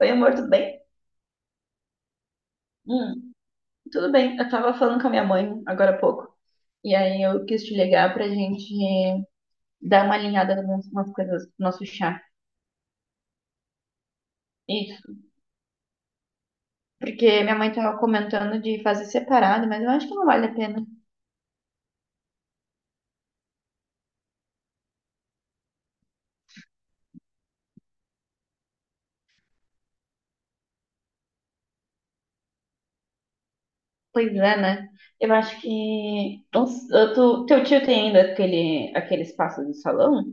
Oi, amor, tudo bem? Hum, tudo bem. Eu tava falando com a minha mãe agora há pouco. E aí eu quis te ligar pra gente dar uma alinhada em algumas coisas do nosso chá. Isso. Porque minha mãe tava comentando de fazer separado, mas eu acho que não vale a pena. Pois é, né? Eu acho que. Não s- eu tô- Teu tio tem ainda aquele espaço do salão?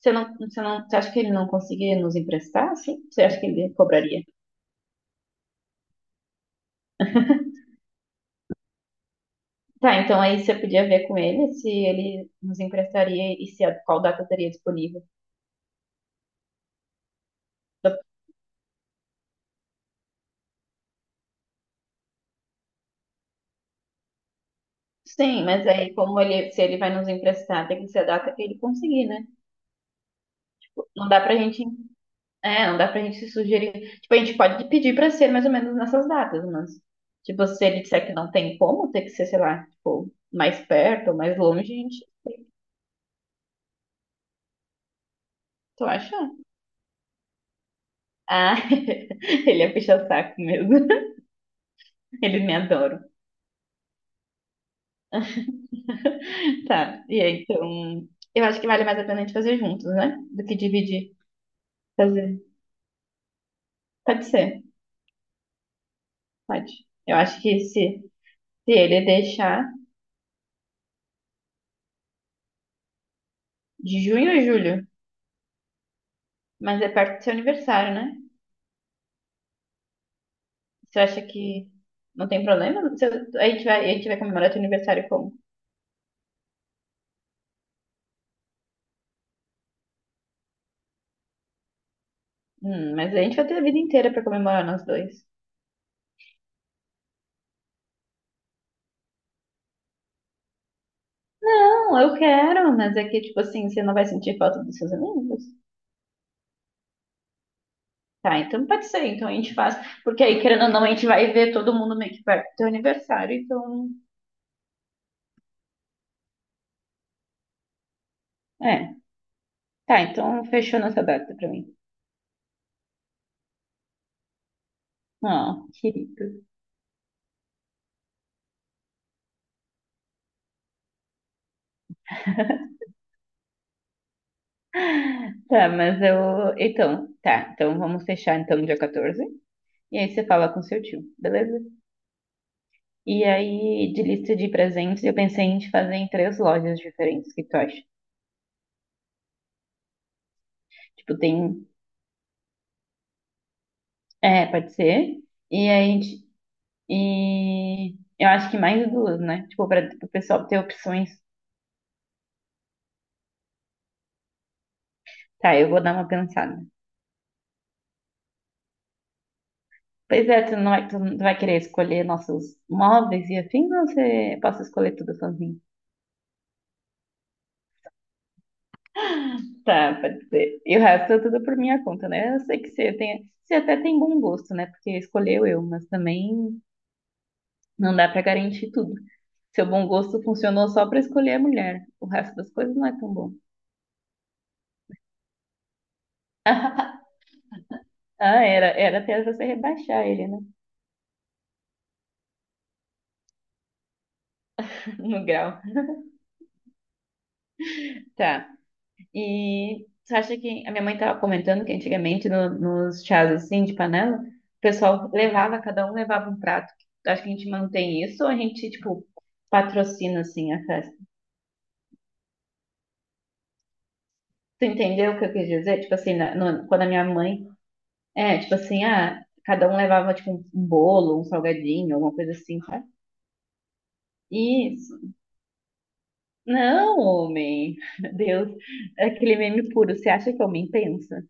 Você acha que ele não conseguiria nos emprestar, assim? Você acha que ele cobraria? Tá, então aí você podia ver com ele se ele nos emprestaria e se qual data teria disponível. Eu- Sim, mas aí como ele, se ele vai nos emprestar, tem que ser a data que ele conseguir, né? Não dá pra gente, é, não dá pra gente se sugerir. Tipo, a gente pode pedir pra ser mais ou menos nessas datas, mas tipo, se ele disser que não tem como, tem que ser, sei lá, tipo, mais perto ou mais longe, a gente, tu acha? Ah, ele é puxa-saco mesmo. Ele me adora. Tá, e aí, então, eu acho que vale mais a pena a gente fazer juntos, né? Do que dividir, fazer. Pode ser, pode. Eu acho que se ele deixar de junho a julho, mas é perto do seu aniversário, né? Você acha que não tem problema? Se eu- a gente vai comemorar teu aniversário como? Mas a gente vai ter a vida inteira pra comemorar nós dois. Não, eu quero, mas é que, tipo assim, você não vai sentir falta dos seus amigos? Tá, então pode ser, então a gente faz, porque aí, querendo ou não, a gente vai ver todo mundo meio que perto do teu aniversário, então. É, tá, então fechou nossa data pra mim. Ó, querido. Tá, mas eu. Então, tá, então vamos fechar então dia 14. E aí você fala com seu tio, beleza? E aí, de lista de presentes, eu pensei em te fazer em três lojas diferentes, o que tu acha? Tipo, tem. É, pode ser. E aí, a gente- e eu acho que mais duas, né? Tipo, pra o pessoal ter opções. Tá, eu vou dar uma pensada. Pois é, tu não vai querer escolher nossos móveis e afim, ou você posso escolher tudo sozinho? Tá, pode ser. E o resto é tudo por minha conta, né? Eu sei que você até tem bom gosto, né? Porque escolheu eu, mas também não dá pra garantir tudo. Seu bom gosto funcionou só pra escolher a mulher. O resto das coisas não é tão bom. Ah, era até você rebaixar ele, né? No grau. Tá. E você acha que a minha mãe tava comentando que antigamente nos chás assim de panela, o pessoal levava, cada um levava um prato. Acho que a gente mantém isso ou a gente, tipo, patrocina assim a festa? Tu entendeu o que eu quis dizer? Tipo assim, quando a minha mãe. É, tipo assim, ah, cada um levava tipo um bolo, um salgadinho, alguma coisa assim, sabe? Isso. Não, homem. Meu Deus, é aquele meme puro. Você acha que homem pensa?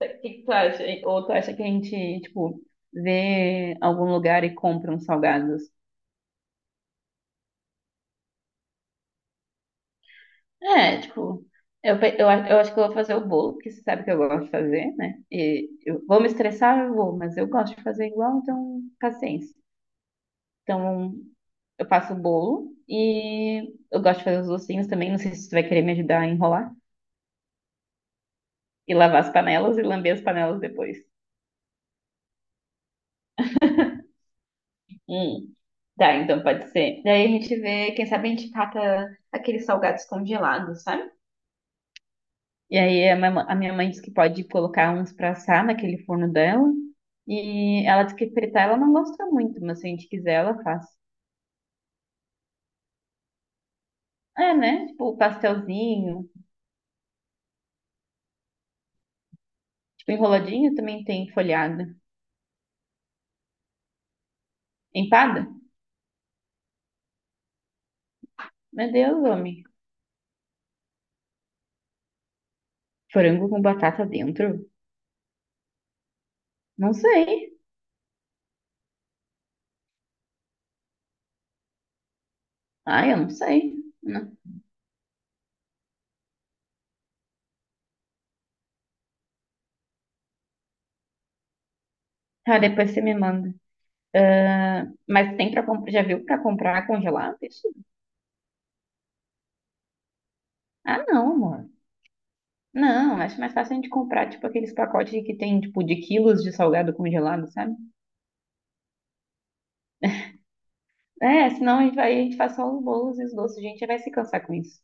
O que que tu acha? Ou tu acha que a gente, tipo, vê algum lugar e compra uns salgados? É, tipo, eu acho que eu vou fazer o bolo, porque você sabe que eu gosto de fazer, né? E eu vou me estressar, eu vou, mas eu gosto de fazer igual, então paciência. Então, eu faço o bolo e eu gosto de fazer os docinhos também. Não sei se tu vai querer me ajudar a enrolar e lavar as panelas e lamber as panelas depois. Hum, tá, então pode ser. Daí a gente vê, quem sabe a gente cata aqueles salgados congelados, sabe? E aí a minha mãe disse que pode colocar uns pra assar naquele forno dela. E ela disse que fritar ela não gosta muito, mas se a gente quiser, ela faz. É, né? Tipo, pastelzinho, tipo, enroladinho também tem folhado. Empada? Meu Deus, homem. Frango com batata dentro. Não sei. Ah, eu não sei. Não. Ah, depois você me manda. Ah, mas tem para comprar? Já viu para comprar congelado isso? Ah, não, amor. Não, acho mais fácil a gente comprar tipo aqueles pacotes que tem tipo de quilos de salgado congelado, sabe? É, senão a gente faz só os bolos e os doces, gente, já vai se cansar com isso.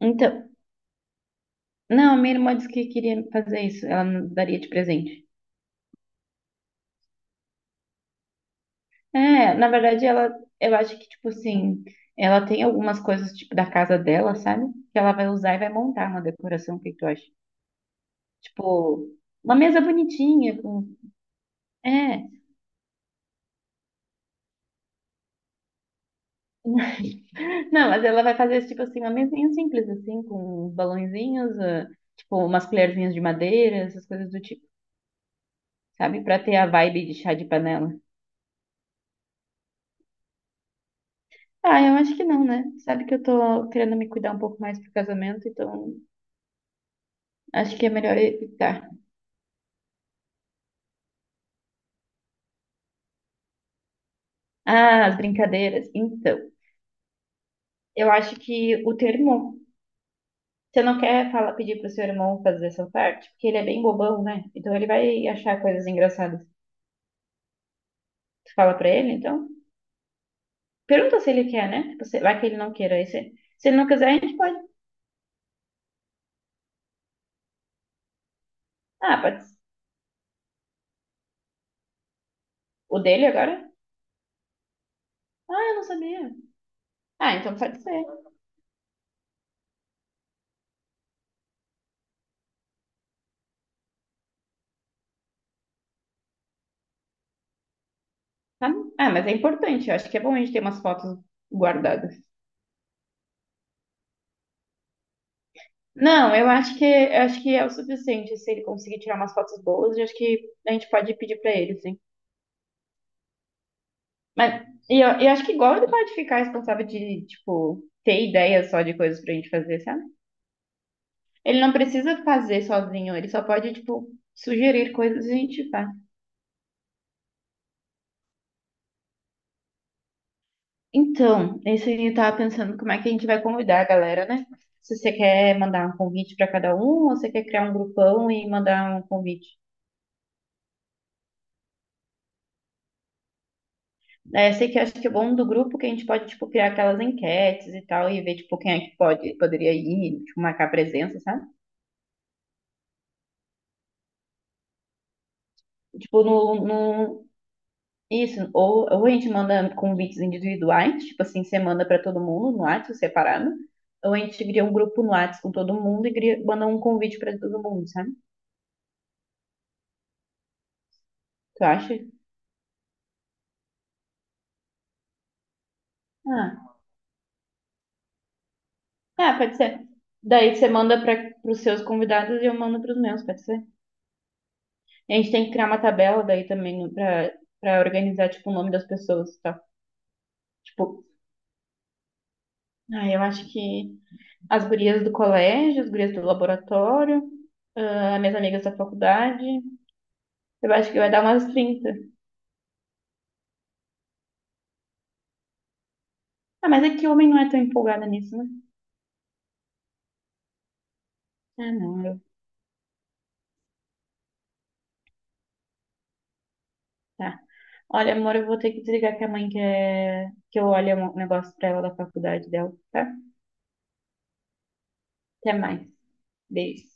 Então, não, a minha irmã disse que queria fazer isso. Ela nos daria de presente. É, na verdade, ela, eu acho que, tipo assim, ela tem algumas coisas, tipo, da casa dela, sabe? Que ela vai usar e vai montar uma decoração, o que que tu acha? Tipo, uma mesa bonitinha com... É, não, mas ela vai fazer, tipo assim, uma mesinha simples, assim, com uns balõezinhos, ah, tipo, umas colherzinhas de madeira, essas coisas do tipo, sabe? Pra ter a vibe de chá de panela. Ah, eu acho que não, né? Sabe que eu tô querendo me cuidar um pouco mais pro casamento, então acho que é melhor evitar. Ah, as brincadeiras. Então. Eu acho que o teu irmão. Você não quer falar, pedir pro seu irmão fazer essa parte? Porque ele é bem bobão, né? Então ele vai achar coisas engraçadas. Tu fala pra ele, então? Pergunta se ele quer, né? Tipo, se- vai que ele não queira. Aí se ele não quiser, a gente pode. Ah, pode. O dele agora? Ah, eu não sabia. Ah, então pode ser. Tá? Ah, mas é importante. Eu acho que é bom a gente ter umas fotos guardadas. Não, eu acho que é o suficiente. Se ele conseguir tirar umas fotos boas, eu acho que a gente pode pedir pra ele, sim. Mas eu acho que igual ele pode ficar responsável de, tipo, ter ideia só de coisas pra gente fazer, sabe? Ele não precisa fazer sozinho, ele só pode, tipo, sugerir coisas e a gente faz. Então, esse aí eu tava pensando como é que a gente vai convidar a galera, né? Se você quer mandar um convite pra cada um, ou você quer criar um grupão e mandar um convite. É, sei que acho que é bom do grupo é que a gente pode, tipo, criar aquelas enquetes e tal, e ver, tipo, quem é que pode, poderia ir, tipo, marcar presença, sabe? Tipo, no, no, Isso, ou a gente manda convites individuais, tipo assim, você manda pra todo mundo no WhatsApp separado, ou a gente cria um grupo no WhatsApp com todo mundo e manda um convite pra todo mundo, sabe? Tu acha? Ah, ah, pode ser. Daí você manda para os seus convidados e eu mando para os meus, pode ser? E a gente tem que criar uma tabela daí também para organizar tipo o nome das pessoas, e tal. Tipo, ah, eu acho que as gurias do colégio, as gurias do laboratório, ah, minhas amigas da faculdade, eu acho que vai dar umas 30. Ah, mas é que homem não é tão empolgada nisso, né? Ah, não, eu... Tá. Olha, amor, eu vou ter que desligar que a mãe quer que eu olhe um negócio pra ela da faculdade dela, tá? Até mais. Beijo.